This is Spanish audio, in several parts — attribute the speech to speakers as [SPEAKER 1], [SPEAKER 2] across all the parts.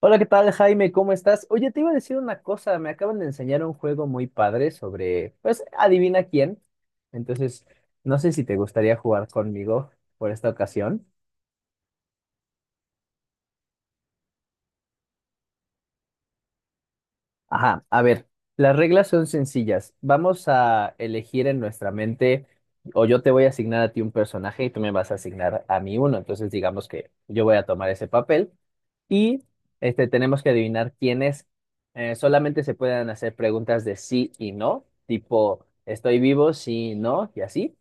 [SPEAKER 1] Hola, ¿qué tal, Jaime? ¿Cómo estás? Oye, te iba a decir una cosa, me acaban de enseñar un juego muy padre sobre, pues, adivina quién. Entonces, no sé si te gustaría jugar conmigo por esta ocasión. Ajá, a ver, las reglas son sencillas. Vamos a elegir en nuestra mente, o yo te voy a asignar a ti un personaje y tú me vas a asignar a mí uno. Entonces, digamos que yo voy a tomar ese papel y tenemos que adivinar quiénes. Solamente se pueden hacer preguntas de sí y no, tipo, estoy vivo, sí, no, y así.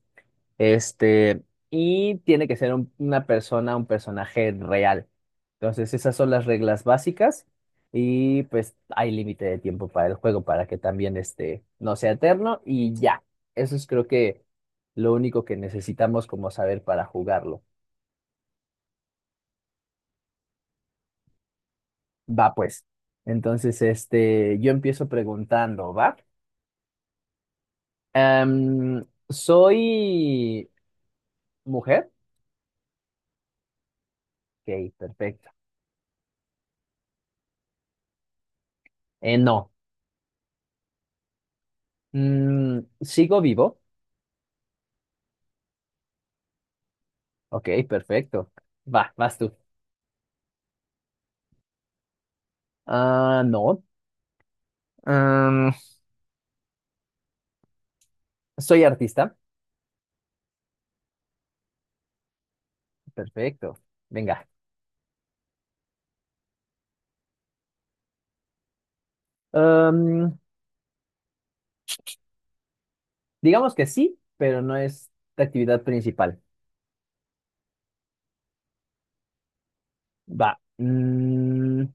[SPEAKER 1] Este, y tiene que ser una persona, un personaje real. Entonces, esas son las reglas básicas. Y pues hay límite de tiempo para el juego para que también no sea eterno. Y ya, eso es creo que lo único que necesitamos como saber para jugarlo. Va pues. Entonces, yo empiezo preguntando, ¿va? ¿Soy mujer? Ok, perfecto. No. ¿Sigo vivo? Ok, perfecto. Va, vas tú. Ah, no. Em, ¿Soy artista? Perfecto. Venga. Em, digamos que sí, pero no es la actividad principal. Va.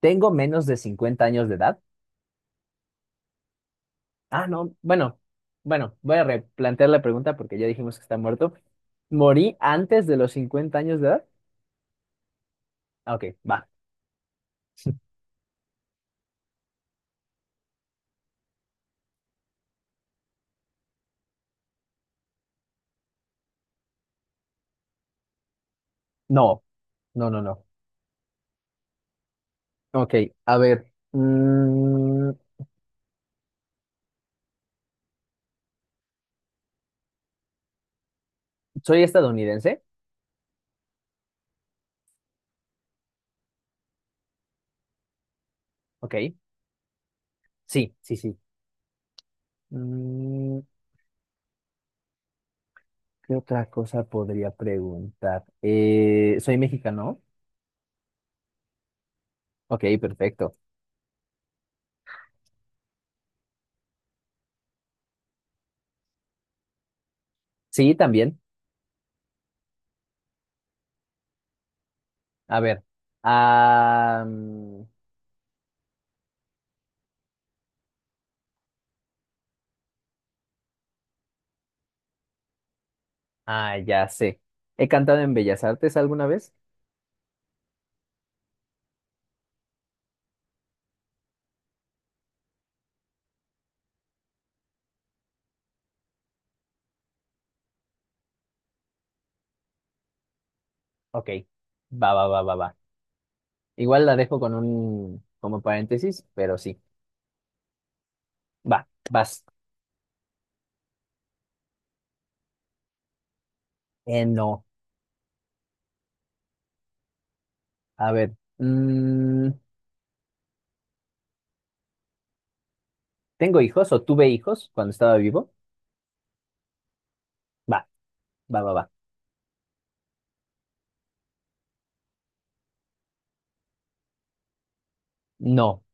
[SPEAKER 1] ¿Tengo menos de 50 años de edad? Ah, no, bueno, bueno, voy a replantear la pregunta porque ya dijimos que está muerto. ¿Morí antes de los 50 años de edad? Ah, ok, va. No, no, no, no. Ok, a ver. mm, ¿Soy estadounidense? Ok, sí, sí, sí. Mm, ¿Qué otra cosa podría preguntar? ¿Soy mexicano? Ok, perfecto. Sí, también. A ver. Ah, mm, ya sé. ¿He cantado en Bellas Artes alguna vez? Ok, va, va, va, va, va. Igual la dejo con un como paréntesis, pero sí. Va, vas. No. A ver. ¿Tengo hijos o tuve hijos cuando estaba vivo? Va, va, va, va. No.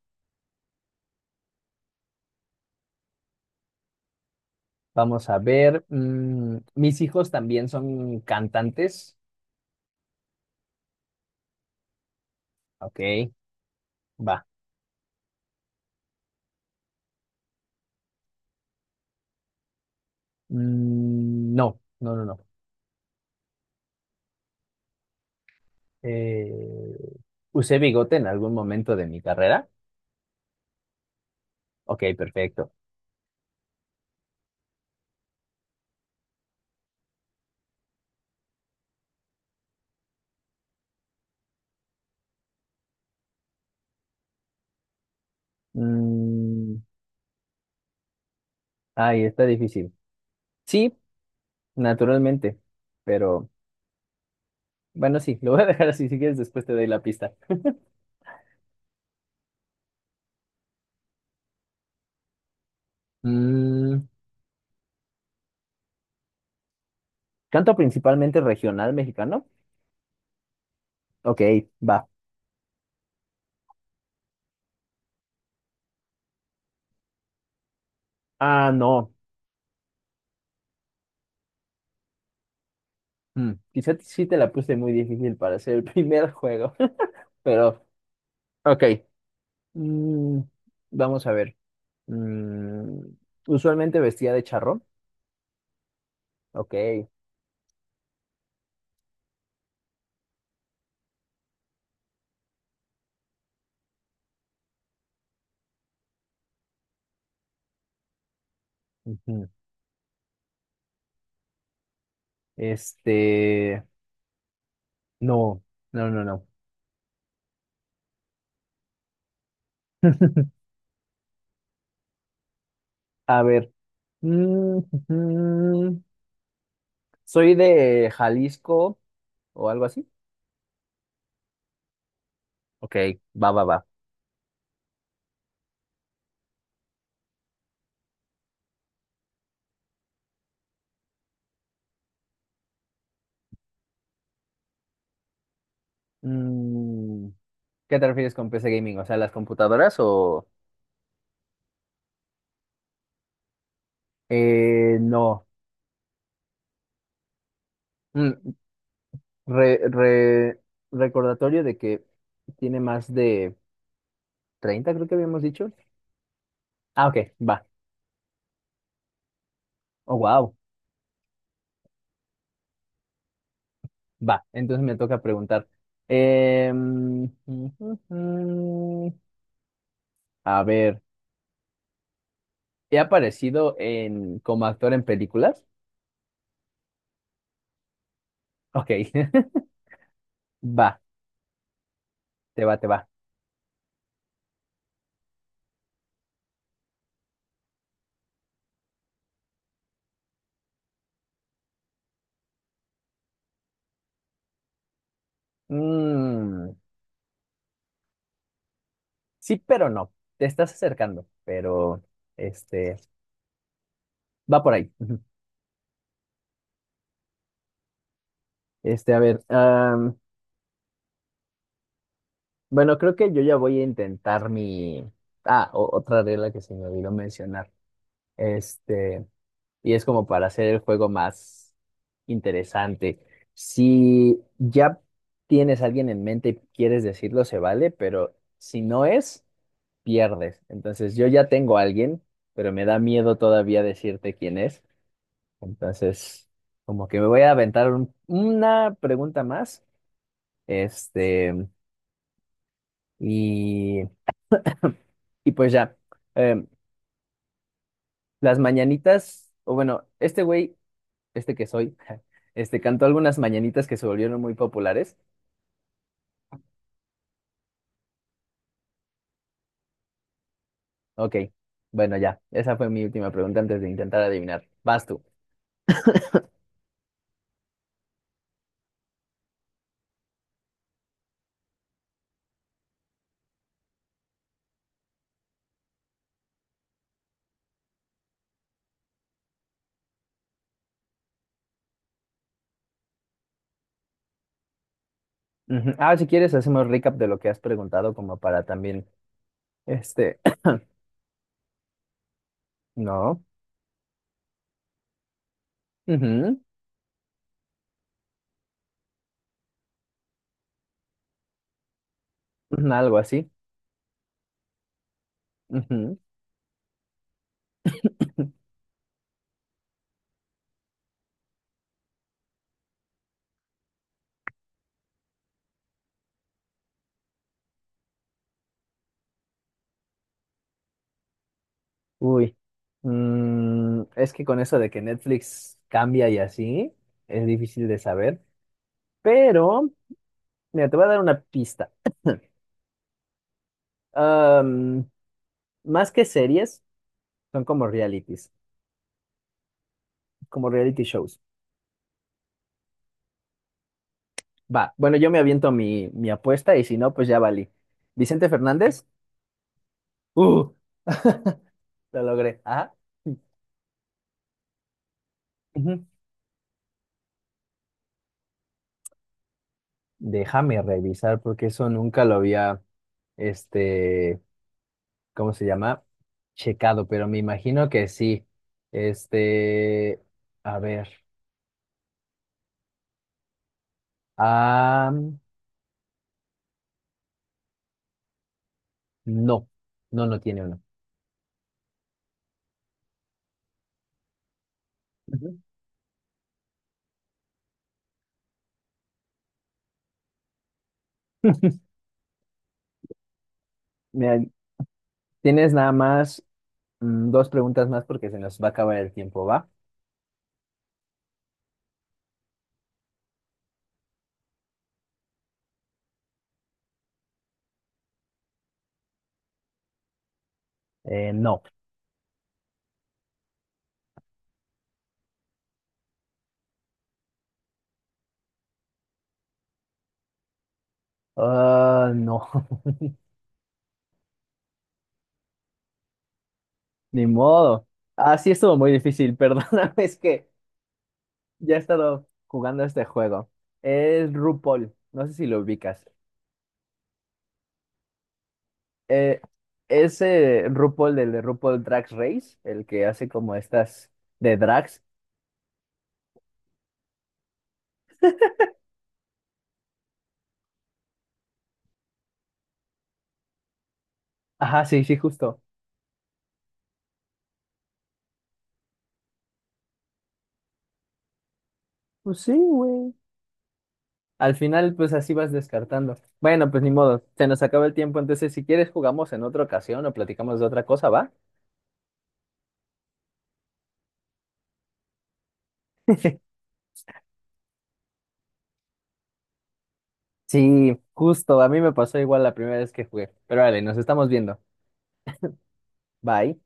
[SPEAKER 1] Vamos a ver. ¿Mis hijos también son cantantes? Ok, va. Mm, no, no, no, no. Eh, ¿Usé bigote en algún momento de mi carrera? Ok, perfecto. Mm, ay, está difícil. Sí, naturalmente, pero bueno, sí, lo voy a dejar así, si quieres después te doy la pista. Mm, ¿Canta principalmente regional mexicano? Ok, va. Ah, no. Mm, quizá sí te la puse muy difícil para hacer el primer juego, pero ok. Mm, vamos a ver. Mm, usualmente vestía de charro. Ok. Ujú. Este, no, no, no, no. A ver. Mm, Soy de Jalisco o algo así. Ok, va, va, va. Mm, ¿Qué te refieres con PC gaming? O sea, las computadoras o no. Mm, re- re- recordatorio de que tiene más de 30, creo que habíamos dicho. Ah, ok, va. Oh, wow, va. Entonces me toca preguntar. Em, ujú, ujú. A ver, ¿he aparecido en como actor en películas? Ok, va, te va, te va. Mm, sí, pero no. Te estás acercando, pero este va por ahí. A ver, bueno, creo que yo ya voy a intentar mi. Ah, otra regla que se me olvidó mencionar. Este, y es como para hacer el juego más interesante. Si ya tienes a alguien en mente y quieres decirlo, se vale, pero si no es, pierdes. Entonces, yo ya tengo a alguien, pero me da miedo todavía decirte quién es. Entonces, como que me voy a aventar una pregunta más. Este, y, y pues ya, em, las mañanitas, o bueno, este güey, este que soy, este cantó algunas mañanitas que se volvieron muy populares. Ok, bueno, ya, esa fue mi última pregunta antes de intentar adivinar. Vas tú. Ujú. Ah, si quieres, hacemos recap de lo que has preguntado, como para también, este, no. Ujú. Ujú, algo así. Uy, mm, es que con eso de que Netflix cambia y así, es difícil de saber. Pero, mira, te voy a dar una pista. Am, más que series, son como realities, como reality shows. Va, bueno, yo me aviento mi, mi apuesta y si no, pues ya valí. Vicente Fernández, ¡uh! Lo logré. Ajá. Ujú. Déjame revisar porque eso nunca lo había, este, ¿cómo se llama? Checado, pero me imagino que sí. Este, a ver. Ah, no, no, no tiene uno. Ujú. Mira, tienes nada más 2 preguntas más porque se nos va a acabar el tiempo, ¿va? No. Ah, no, ni modo. Ah, sí, estuvo muy difícil, perdóname, es que ya he estado jugando este juego. Es RuPaul, no sé si lo ubicas. Eh, ese RuPaul del de RuPaul Drag Race, el que hace como estas de drags. Ajá, sí, sí, justo. Pues sí, güey. Al final, pues así vas descartando. Bueno, pues ni modo, se nos acaba el tiempo, entonces si quieres jugamos en otra ocasión o platicamos de otra cosa, ¿va? Sí, justo, a mí me pasó igual la primera vez que jugué. Pero vale, nos estamos viendo. Bye.